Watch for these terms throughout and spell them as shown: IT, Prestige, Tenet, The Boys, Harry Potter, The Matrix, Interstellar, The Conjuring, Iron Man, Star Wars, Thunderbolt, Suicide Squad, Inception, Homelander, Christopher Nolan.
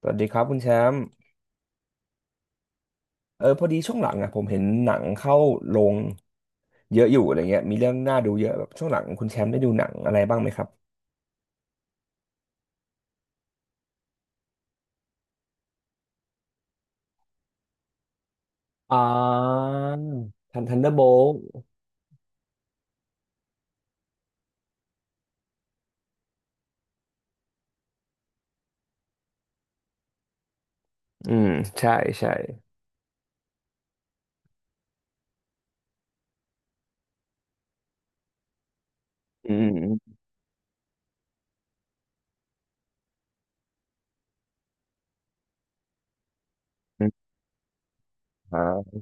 สวัสดีครับคุณแชมป์พอดีช่วงหลังอ่ะผมเห็นหนังเข้าโรงเยอะอยู่อะไรเงี้ยมีเรื่องน่าดูเยอะแบบช่วงหลังคุณแชมป์ได้ดูหนังอะไรบ้างไหมครับอ่าทันเดอร์โบลอืมใช่ใช่อืมอืมอ่า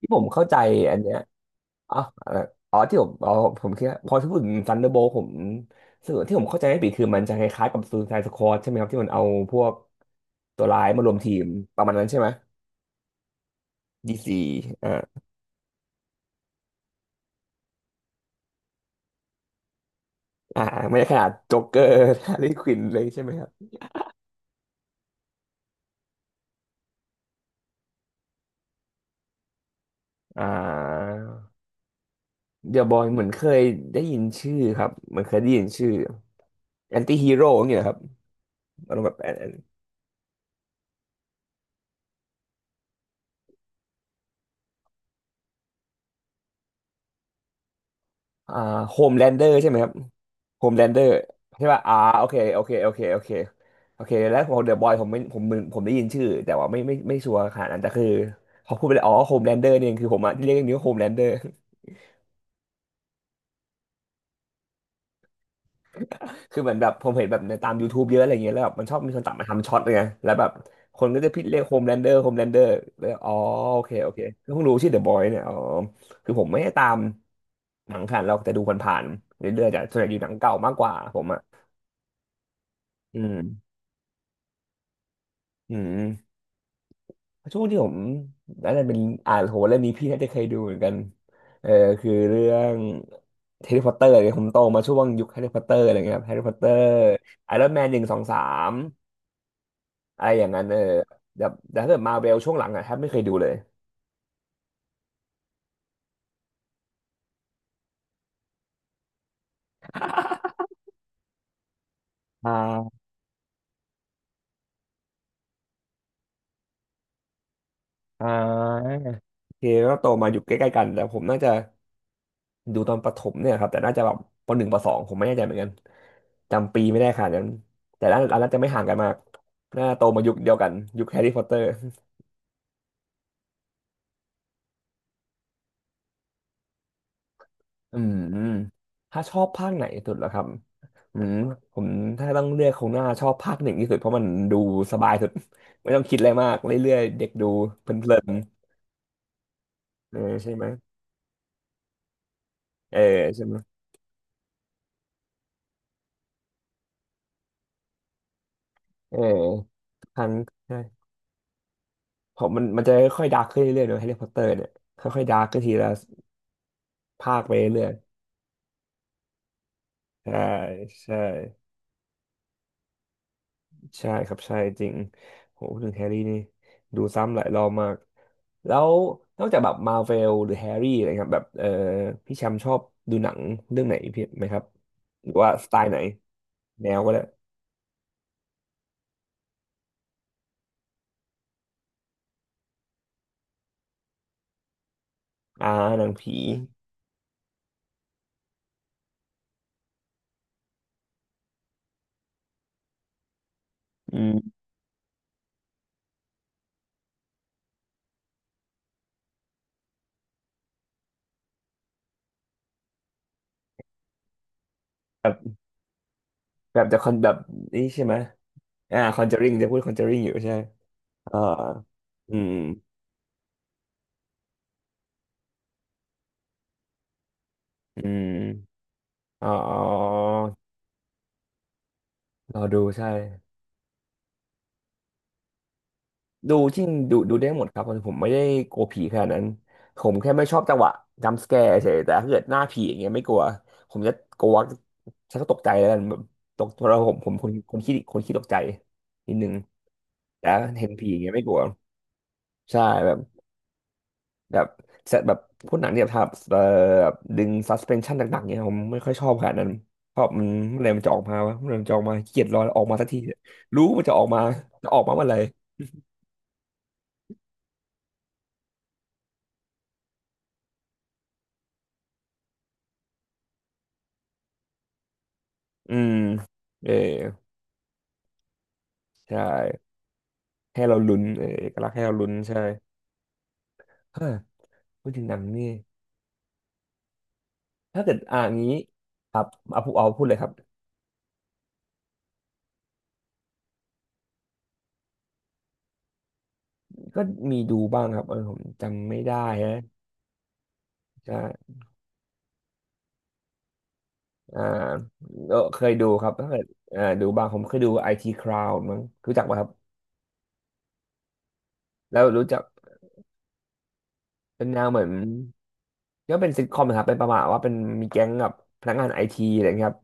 ที่ผมเข้าใจอันเนี้ยอ๋อเอ่ออ๋อที่ผมอ๋อผมคิดว่าพอที่พูดถึงทันเดอร์โบลผมสวนที่ผมเข้าใจไม่ผิดคือมันจะคล้ายๆกับซูไซด์สควอดใช่ไหมครับที่มันเอาพวกตัวร้ายมารวมทีมประมาณนั้นใช่ไหมดีซีอ่า อ่าไม่ได้ขนาดโจ๊กเกอร์ ฮาร์ลีควินเลยใช่ไหมครับอ่าเดอะบอยเหมือนเคยได้ยินชื่อครับเหมือนเคยได้ยินชื่อแอนตี้ฮีโร่อย่างเงี้ยเหรอครับอารมณ์แบบแอนอ่าโฮมแลนเดอร์ใช่ไหมครับโฮมแลนเดอร์ใช่ป่ะอ่าโอเคโอเคแล้วของเดอะบอยผมไม่ผมมึนผมได้ยินชื่อแต่ว่าไม่ชัวร์ขนาดนั้นแต่คือเขาพูดไปเลยอ๋อโฮมแลนเดอร์เนี่ยคือผมอะเรียกอย่างนี้ว่าโฮมแลนเดอร์ คือเหมือนแบบผมเห็นแบบในตาม YouTube เยอะอะไรเงี้ยแล้วแบบมันชอบมีคนตัดมาทำช็อตเลยไงแล้วแบบคนก็จะพิดเรียกโฮมแลนเดอร์โฮมแลนเดอร์แล้วอ๋อโอเคโอเคก็เพิ่งรู้ชื่อเดอะบอยเนี่ยอ๋อคือผมไม่ได้ตามหนังขนาดเราแต่ดูผ่านๆเรื่อยๆแต่ส่วนใหญ่ดูหนังเก่ามากกว่าผมอ่ะอืมอืมช่วงที่ผมนั่นนะเป็นอ่านโหเรื่องนี้พี่น่าจะเคยดูเหมือนกันเออคือเรื่องแฮร์รี่พอตเตอร์เนี่ยผมโตมาช่วงยุคแฮร์รี่พอตเตอร์อะไรเงี้ยครับแฮร์รี่พอตเตอร์ไอรอนแมนหนึ่งสองสาม อะไรอย่างนั้นแบบแต่ถ้าเกิดมาเวลช่วงหลังอะแทบไม่เคยดูเลยอ่าอ่าโอเคก็โตมาอยู่ใกล้ๆกันแต่ผมน่าจะดูตอนประถมเนี่ยครับแต่น่าจะแบบปหนึ่งปสองผมไม่แน่ใจเหมือนกันจำปีไม่ได้ขนาดนั้นแต่น่าอันน่าจะไม่ห่างกันมากน่าโตมายุคเดียวกันยุคแฮร์รี่พอตเตอร์อืมถ้าชอบภาคไหนสุดเหรอครับอืมผมถ้าต้องเลือกคงน่าชอบภาคหนึ่งที่สุดเพราะมันดูสบายสุดไม่ต้องคิดอะไรมากเรื่อยๆเด็กดูเพลินๆเออใช่ไหม อทันใช่ผมมันจะค่อยๆดาร์กขึ้นเรื่อยๆเนอะแฮร์รี่พอตเตอร์เนี่ยค่อยๆดาร์กขึ้นทีละภาคไปเรื่อยๆใช่ใช่ครับใช่จริงโหพูดถึงแฮร์รี่นี่ดูซ้ำหลายรอบมากแล้วนอกจากแบบมาเวลหรือแฮร์รี่อะไรครับแบบพี่แชมป์ชอบดูหนังเรื่องไหนพี่ไหมครับหรือว่าสไตล์ไหนแนวก็ได้อ่าหนังผีอืมแบบแบบจะคอนแบบนี้ใช่ไหมอ่าคอนเจอริงจะพูดคอนเจอริงอยู่ใช่เอ่ออืม อืมอ๋อรอดูใช่ดูจริงดูได้หมดครับผมไม่ได้กลัวผีขนาดนั้นผมแค่ไม่ชอบจังหวะจัมป์สแกร์เฉยแต่ถ้าเกิดหน้าผีอย่างเงี้ยไม่กลัวผมจะกลัวฉันก็ตกใจแล้วกันแบบตกเพราผมคนขี้ขี้ตกใจนิดนึงแต่เห็นผีอย่างเงี้ยไม่กลัวใช่แบบ แบบเซตแบบพวกหนังที่แบบทำแบบดึงซัสเพนชั่นหนักๆเนี่ยผมไม่ค่อยชอบขนาดนั้นเพราะมันเมื่อไหรมันจะออกมาวะเมื่อไหรมันจะออกมาเกลียดรอออกมาสักทีเนี่ยรู้ว่ามันจะออกมาจะออกมาเมื่อไหร่อืมเออใช่ให้เราลุ้นเออเอกลักษณ์ให้เราลุ้นใช่เฮ้ยพูดถึงหนังนี่ถ้าเกิดอ่านงี้ครับเอาพูดเลยครับก็มีดูบ้างครับผมจำไม่ได้ฮะใช่อ่าเคยดูครับถ้าเกิดอ่าดูบ้างผมเคยดูไอทีคราวมั้งรู้จักป่ะครับ แล้วรู้จักเป็นแนวเหมือนก็เป็นซิทคอมนะครับเป็นประมาณว่าเป็นมีแก๊งกับพนักงานไอทีอะไรเงี้ยครับ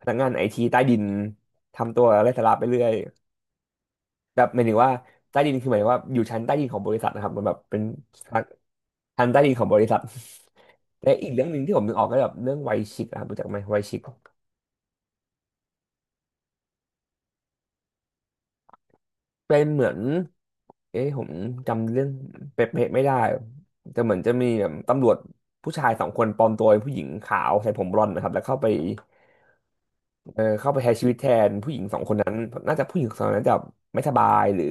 พนักงานไอทีใต้ดินทำตัวไร้สาระไปเรื่อยแบบหมายถึงว่าใต้ดินคือหมายถึงว่าอยู่ชั้นใต้ดินของบริษัทนะครับมันแบบเป็นชั้นใต้ดินของบริษัท และอีกเรื่องหนึ่งที่ผมนึกออกก็แบบเรื่องไวชิกอะครับรู้จักไหมไวชิกเป็นเหมือนเอ๊ะผมจำเรื่องเป๊ะๆไม่ได้แต่เหมือนจะมีแบบตำรวจผู้ชายสองคนปลอมตัวเป็นผู้หญิงขาวใส่ผมบลอนด์นะครับแล้วเข้าไป เออเข้าไปใช้ชีวิตแทนผู้หญิงสองคนนั้นน่าจะผู้หญิงสองคนนั้นจะไม่สบายหรือ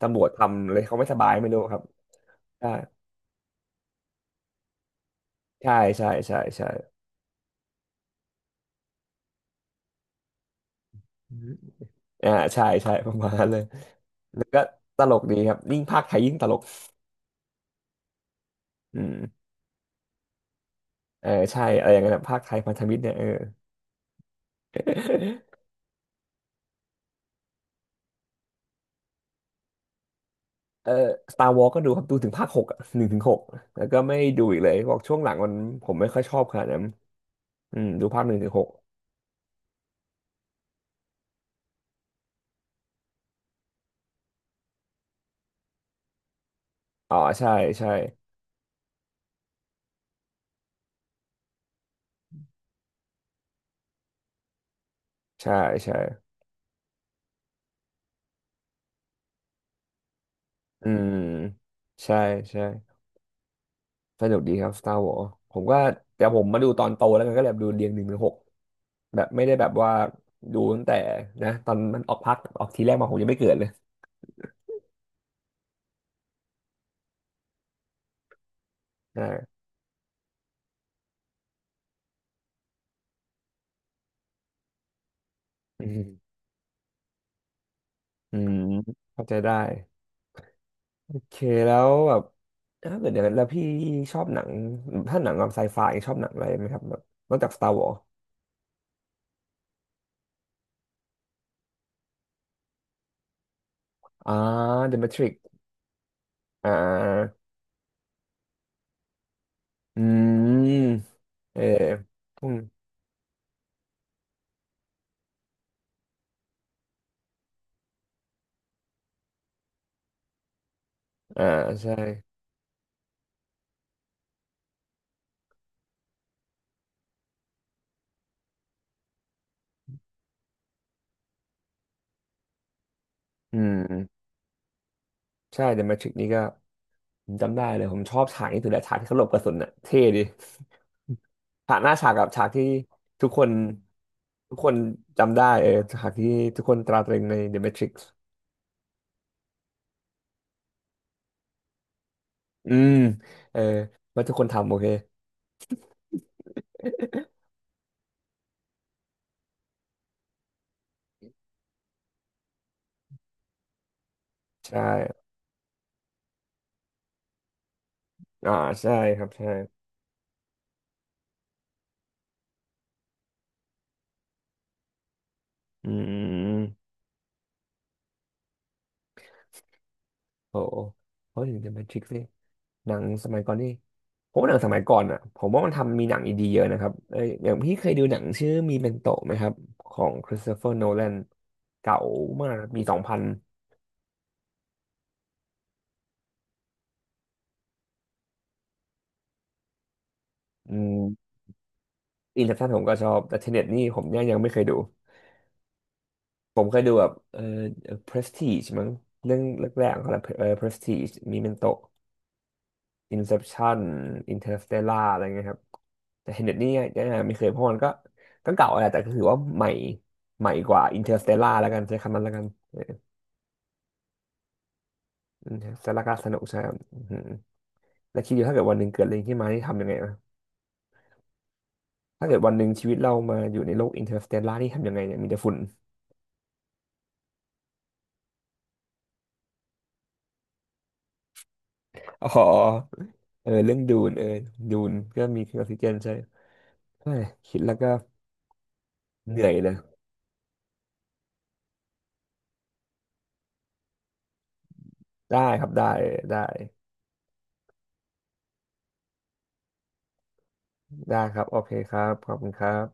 ตำรวจทำเลยเขาไม่สบายไม่รู้ครับใช่ใช่ใช่ใช่ใช่อืมใช่ใช่ ประมาณนั้นเลยแล้วก็ตลกดีครับยิ่งภาคไทยยิ่งตลกอืมเออใช่อะไรอย่างเงี้ยนะภาคไทยพันธมิตรเนี่ยเออ เออสตาร์วอลก็ดูครับดูถึงภาคหกอะหนึ่งถึงหกแล้วก็ไม่ดูอีกเลยบอกช่วงหลังมันผมไม่ค่อยชอบขนาดนั้นอืมดูภาคหนึ่งถึงหกอ๋อใช่ใช่ใช่ใช่อืมใช่ใช่ สนุกดีครับ Star Wars ผมก็แต่ผมมาดูตอนโตแล้วกันก็เลยแบบดูเรียงหนึ่งถึงหกแบบไม่ได้แบบว่าดูตั้งแต่นะตอนมันออกพักออกทีแรกมาผมยังไม่เกิดเลยอ่าอืมอืมเข้าใจได้โอเคแล้วแบบถ้าเกิดเดี๋ยวแล้วพี่ชอบหนังถ้าหนังแบบไซไฟชอบหนังอะไรไหมครับแบบนอกจาก Star Wars อ่า The Matrix อ่าอืมเอออืมอ่าใช่อืม ใช่เดอะแมทริกนี่ก็ผมจำได้เลยผมชอบฉากนี้ถึงแต่ฉากที่เขาหลบกระสุนน่ะเท่ดีฉากหน้าฉากกับฉากที่ทุกคนทุกคนจำได้เออฉากที่ทุกคนตราตรึงใน The Matrix อืมเออว่าทุกคนทำโอเคใช่อ่าใช่ครับใช่อืม โอ้โหเขาถึงจะเป็นทริกซี่หนังสมัยก่อนนี่ผมว่าหนังสมัยก่อนอ่ะผมว่ามันทำมีหนังอีดีเยอะนะครับเอออย่างพี่เคยดูหนังชื่อมีเมนโตไหมครับของคริสโตเฟอร์โนแลนเก่ามากปี 2000อืมอินเซปชั่นผมก็ชอบแต่เทเน็ตนี่ผมเนี่ยยังไม่เคยดูผมเคยดูแบบเออ Prestige มั้งเรื่องแรกๆของเขาแหละเออ Prestige มีเมนโต Inception Interstellar อะไรเงี้ยครับแต่ Tenet นี่ยังไม่เคยเพราะมันก็ก็เก่าแหละแต่ก็ถือว่าใหม่ใหม่กว่า Interstellar แล้วกันใช้คำนั้นแล้วกัน Interstellar ก็สนุกใช่ครับอือหือแล้วคิดอยู่ถ้าเกิดวันหนึ่งเกิดอะไรขึ้นมาที่ทำยังไงนะถ้าเกิดวันหนึ่งชีวิตเรามาอยู่ในโลก Interstellar ที่ทำยังไงเนี่ยมีแต่ฝุ่น อ๋อเออเรื่องดูนเออดูนก็มีออกซิเจนใช่เฮ้ยคิดแล้วก็เหนื่อยเลยได้ครับได้ได้ได้ครับโอเคครับขอบคุณครับ